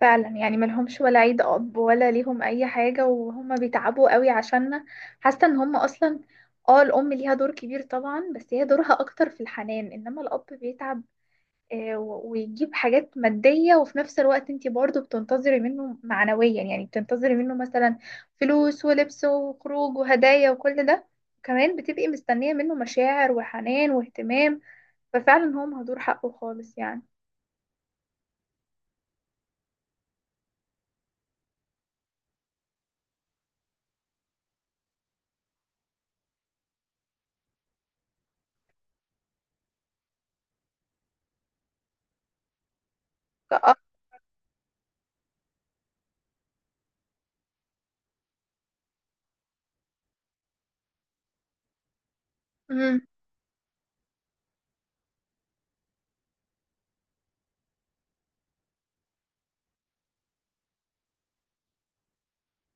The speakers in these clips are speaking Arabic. فعلا يعني ملهمش ولا عيد اب ولا ليهم اي حاجه، وهم بيتعبوا قوي عشاننا. حاسه ان هم اصلا، اه، الام ليها دور كبير طبعا، بس هي دورها اكتر في الحنان، انما الاب بيتعب ويجيب حاجات ماديه، وفي نفس الوقت انتي برضو بتنتظري منه معنويا، يعني بتنتظري منه مثلا فلوس ولبس وخروج وهدايا وكل ده. كمان بتبقي مستنيه منه مشاعر وحنان واهتمام. ففعلا هو مهدور حقه خالص يعني. كأب. مم.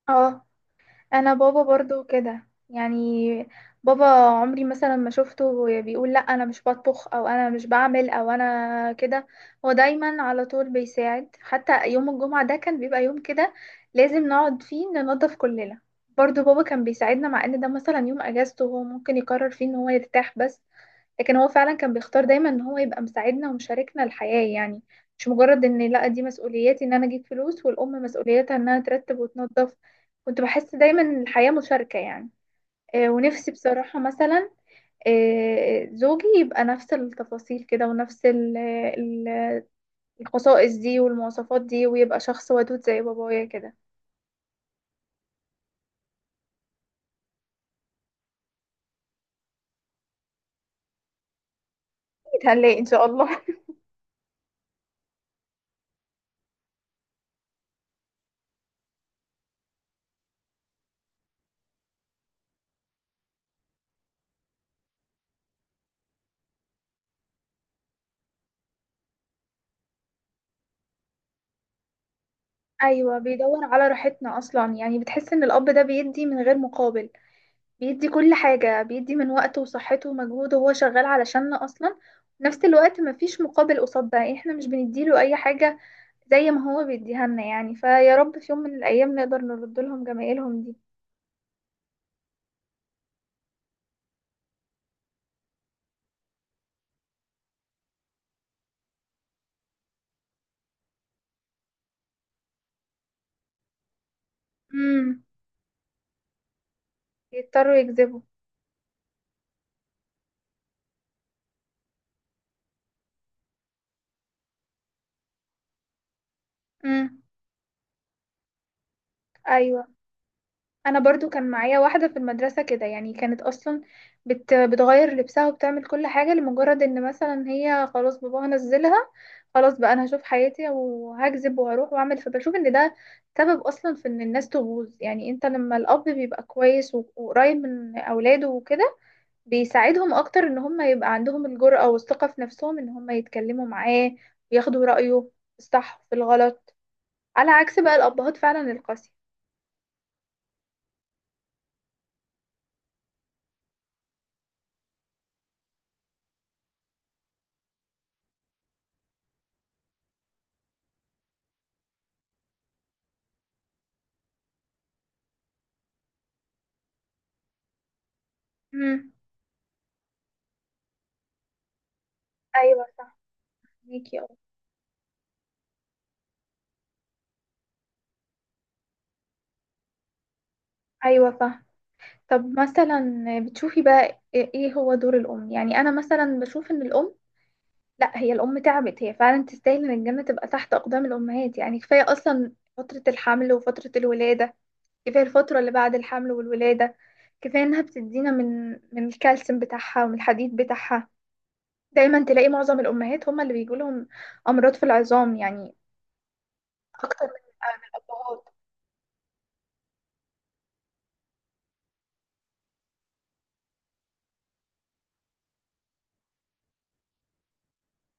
اه، انا بابا برضو كده يعني. بابا عمري مثلا ما شفته بيقول لا انا مش بطبخ او انا مش بعمل او انا كده. هو دايما على طول بيساعد، حتى يوم الجمعة ده كان بيبقى يوم كده لازم نقعد فيه ننظف كلنا. برضو بابا كان بيساعدنا، مع ان ده مثلا يوم اجازته هو ممكن يقرر فيه ان هو يرتاح، بس لكن هو فعلا كان بيختار دايما ان هو يبقى مساعدنا ومشاركنا الحياة يعني. مش مجرد ان لا دي مسؤوليتي ان انا اجيب فلوس، والام مسؤوليتها انها ترتب وتنظف. كنت بحس دايما ان الحياة مشاركة يعني. ونفسي بصراحة مثلا زوجي يبقى نفس التفاصيل كده، ونفس الخصائص دي والمواصفات دي، ويبقى شخص ودود زي بابايا كده. أكيد هنلاقي ان شاء الله. ايوه، بيدور على راحتنا اصلا، يعني بتحس ان الاب ده بيدي من غير مقابل. بيدي كل حاجة، بيدي من وقته وصحته ومجهوده، وهو شغال علشاننا أصلا. في نفس الوقت مفيش مقابل قصاد ده، يعني احنا مش بنديله أي حاجة زي ما هو بيديها لنا يعني. فيا رب في يوم من الأيام نقدر نرد لهم جمايلهم دي. امم. يضطروا يكذبوا. امم. أيوة. انا برضو كان معايا واحده في المدرسه كده يعني. كانت اصلا بتغير لبسها وبتعمل كل حاجه، لمجرد ان مثلا هي خلاص باباها نزلها. خلاص بقى انا هشوف حياتي وهكذب وهروح واعمل. فبشوف ان ده سبب اصلا في ان الناس تبوظ. يعني انت لما الاب بيبقى كويس وقريب من اولاده وكده، بيساعدهم اكتر ان هم يبقى عندهم الجرأة والثقه في نفسهم ان هم يتكلموا معاه وياخدوا رأيه في الصح وفي الغلط. على عكس بقى الابهات فعلا القاسيه. امم. ايوه صح. ميكي. ايوه فاهم. طب مثلا بتشوفي بقى إيه هو دور الام؟ يعني انا مثلا بشوف ان الام، لا، هي الام تعبت، هي فعلا تستاهل ان الجنه تبقى تحت اقدام الامهات. يعني كفايه اصلا فتره الحمل وفتره الولاده، كفايه الفتره اللي بعد الحمل والولاده، كفايه انها بتدينا من الكالسيوم بتاعها ومن الحديد بتاعها. دايما تلاقي معظم الامهات هم اللي بيجوا لهم امراض في العظام يعني، اكتر من الابهات.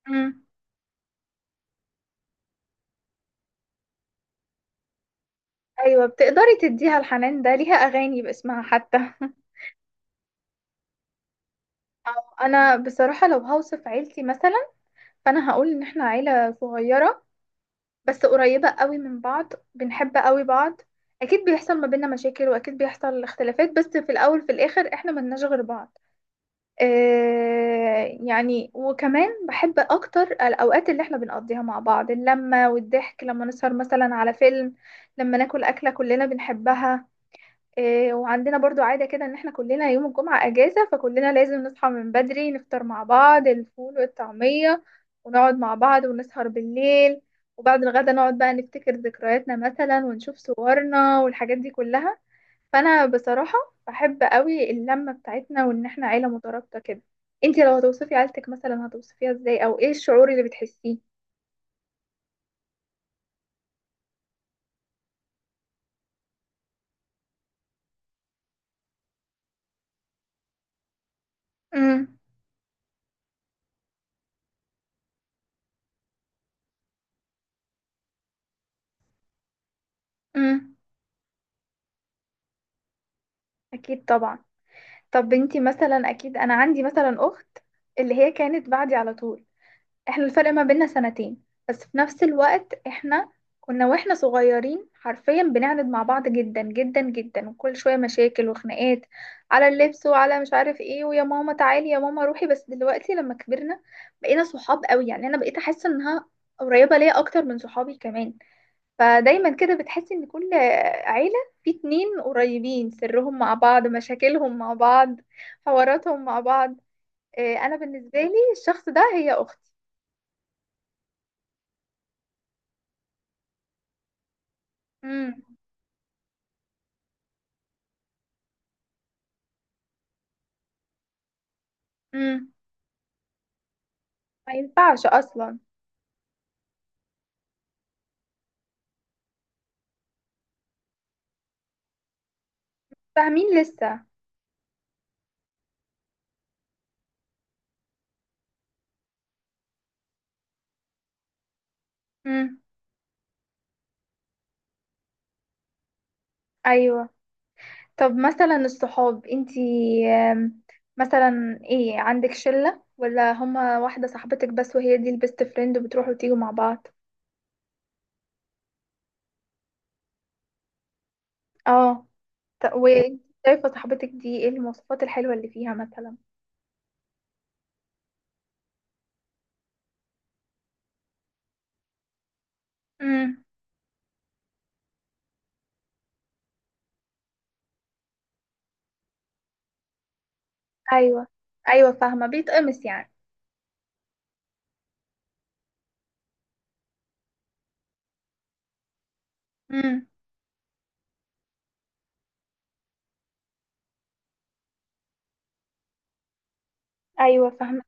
امم. ايوه بتقدري تديها الحنان ده، ليها اغاني باسمها حتى انا بصراحة لو هوصف عيلتي مثلا، فانا هقول ان احنا عيلة صغيرة، بس قريبة قوي من بعض، بنحب قوي بعض. اكيد بيحصل ما بيننا مشاكل، واكيد بيحصل اختلافات، بس في الاول في الاخر احنا ملناش غير بعض. آه يعني، وكمان بحب اكتر الاوقات اللي احنا بنقضيها مع بعض، اللمة والضحك لما نسهر مثلا على فيلم، لما ناكل اكلة كلنا بنحبها. إيه، وعندنا برضو عادة كده ان احنا كلنا يوم الجمعة اجازة، فكلنا لازم نصحى من بدري نفطر مع بعض الفول والطعمية، ونقعد مع بعض ونسهر بالليل، وبعد الغدا نقعد بقى نفتكر ذكرياتنا مثلا، ونشوف صورنا والحاجات دي كلها. فانا بصراحة بحب قوي اللمة بتاعتنا، وان احنا عيلة مترابطة كده. انتي لو هتوصفي عيلتك مثلا، هتوصفيها ازاي او ايه الشعور اللي بتحسيه؟ امم. امم. اكيد طبعا. طب انتي مثلا، اكيد انا عندي مثلا اخت اللي هي كانت بعدي على طول، احنا الفرق ما بيننا سنتين، بس في نفس الوقت احنا كنا واحنا صغيرين حرفيا بنعند مع بعض جدا جدا جدا، وكل شوية مشاكل وخناقات على اللبس وعلى مش عارف ايه، ويا ماما تعالي يا ماما روحي، بس دلوقتي لما كبرنا بقينا صحاب قوي يعني. انا بقيت احس انها قريبة ليا اكتر من صحابي كمان. فدايما كده بتحس ان كل عيلة في اتنين قريبين، سرهم مع بعض، مشاكلهم مع بعض، حواراتهم مع بعض. إيه، انا بالنسبة لي الشخص ده هي اختي. مم. امم. ما ينفعش اصلا. فاهمين لسه. امم. ايوه. طب مثلا الصحاب انتي آم، مثلا ايه، عندك شلة ولا هما واحدة صاحبتك بس وهي دي البيست فريند وبتروحوا وتيجوا مع بعض؟ اه. وانت شايفة صاحبتك دي ايه المواصفات الحلوة اللي فيها مثلا؟ امم. ايوه. ايوه فاهمة، بيتقمص يعني. امم. ايوه فاهمة.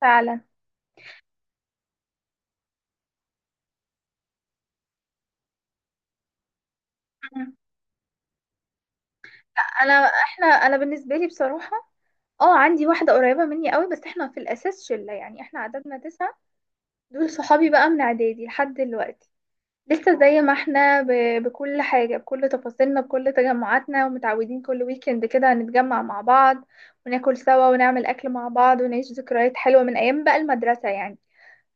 فعلا. مم. انا بالنسبة لي بصراحة اه، عندي واحدة قريبة مني قوي، بس احنا في الأساس شلة، يعني احنا عددنا تسعة، دول صحابي بقى من إعدادي لحد دلوقتي. لسه زي ما احنا بكل حاجة، بكل تفاصيلنا، بكل تجمعاتنا، ومتعودين كل ويكند كده هنتجمع مع بعض وناكل سوا ونعمل أكل مع بعض ونعيش ذكريات حلوة من أيام بقى المدرسة يعني.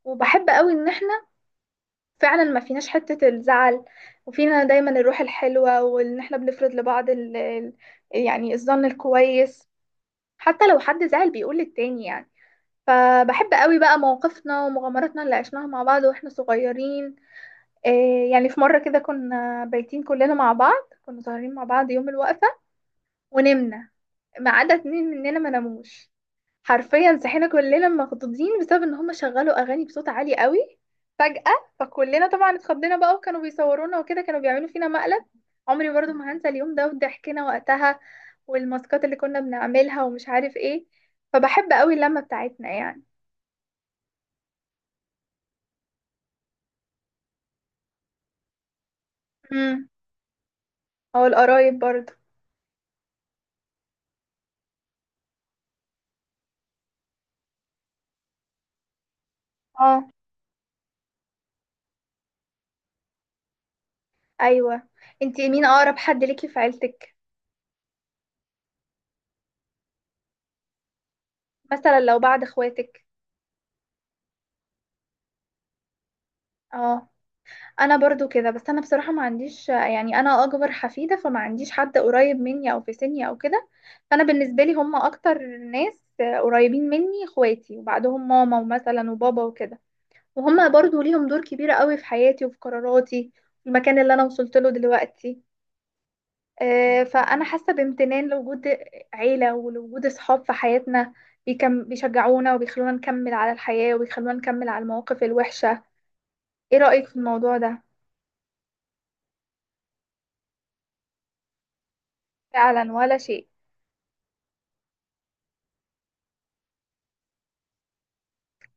وبحب قوي ان احنا فعلا ما فيناش حتة الزعل، وفينا دايما الروح الحلوة، وان احنا بنفرض لبعض يعني الظن الكويس حتى لو حد زعل، بيقول للتاني يعني. فبحب قوي بقى مواقفنا ومغامراتنا اللي عشناها مع بعض واحنا صغيرين. إيه يعني، في مرة كده كنا بايتين كلنا مع بعض، كنا سهرانين مع بعض يوم الوقفة، ونمنا ما عدا اتنين مننا ما ناموش. حرفيا صحينا كلنا مخضوضين بسبب ان هم شغلوا اغاني بصوت عالي قوي فجأة. فكلنا طبعا اتخضينا بقى، وكانوا بيصورونا وكده، كانوا بيعملوا فينا مقلب. عمري برضو ما هنسى اليوم ده وضحكنا وقتها والماسكات اللي كنا بنعملها ومش عارف ايه. فبحب قوي اللمة بتاعتنا يعني، او القرايب برضه. اه. ايوه. انتي مين اقرب حد ليكي في عيلتك؟ مثلا لو بعد اخواتك. اه، انا برضو كده بس انا بصراحه ما عنديش يعني، انا اكبر حفيده فما عنديش حد قريب مني او في سني او كده. فانا بالنسبه لي هم اكتر ناس قريبين مني اخواتي، وبعدهم ماما ومثلا وبابا وكده. وهم برضو ليهم دور كبير قوي في حياتي وفي قراراتي، في المكان اللي انا وصلت له دلوقتي. فأنا حاسة بامتنان لوجود عيلة ولوجود أصحاب في حياتنا بيكم، بيشجعونا وبيخلونا نكمل على الحياة وبيخلونا نكمل على المواقف الوحشة. إيه رأيك في الموضوع ده؟ فعلا، ولا شيء.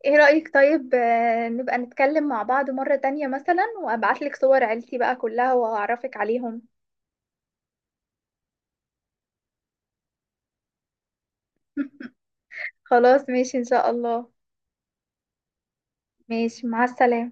إيه رأيك طيب نبقى نتكلم مع بعض مرة تانية مثلا، وأبعتلك صور عيلتي بقى كلها وأعرفك عليهم. خلاص ماشي إن شاء الله. ماشي مع السلامة.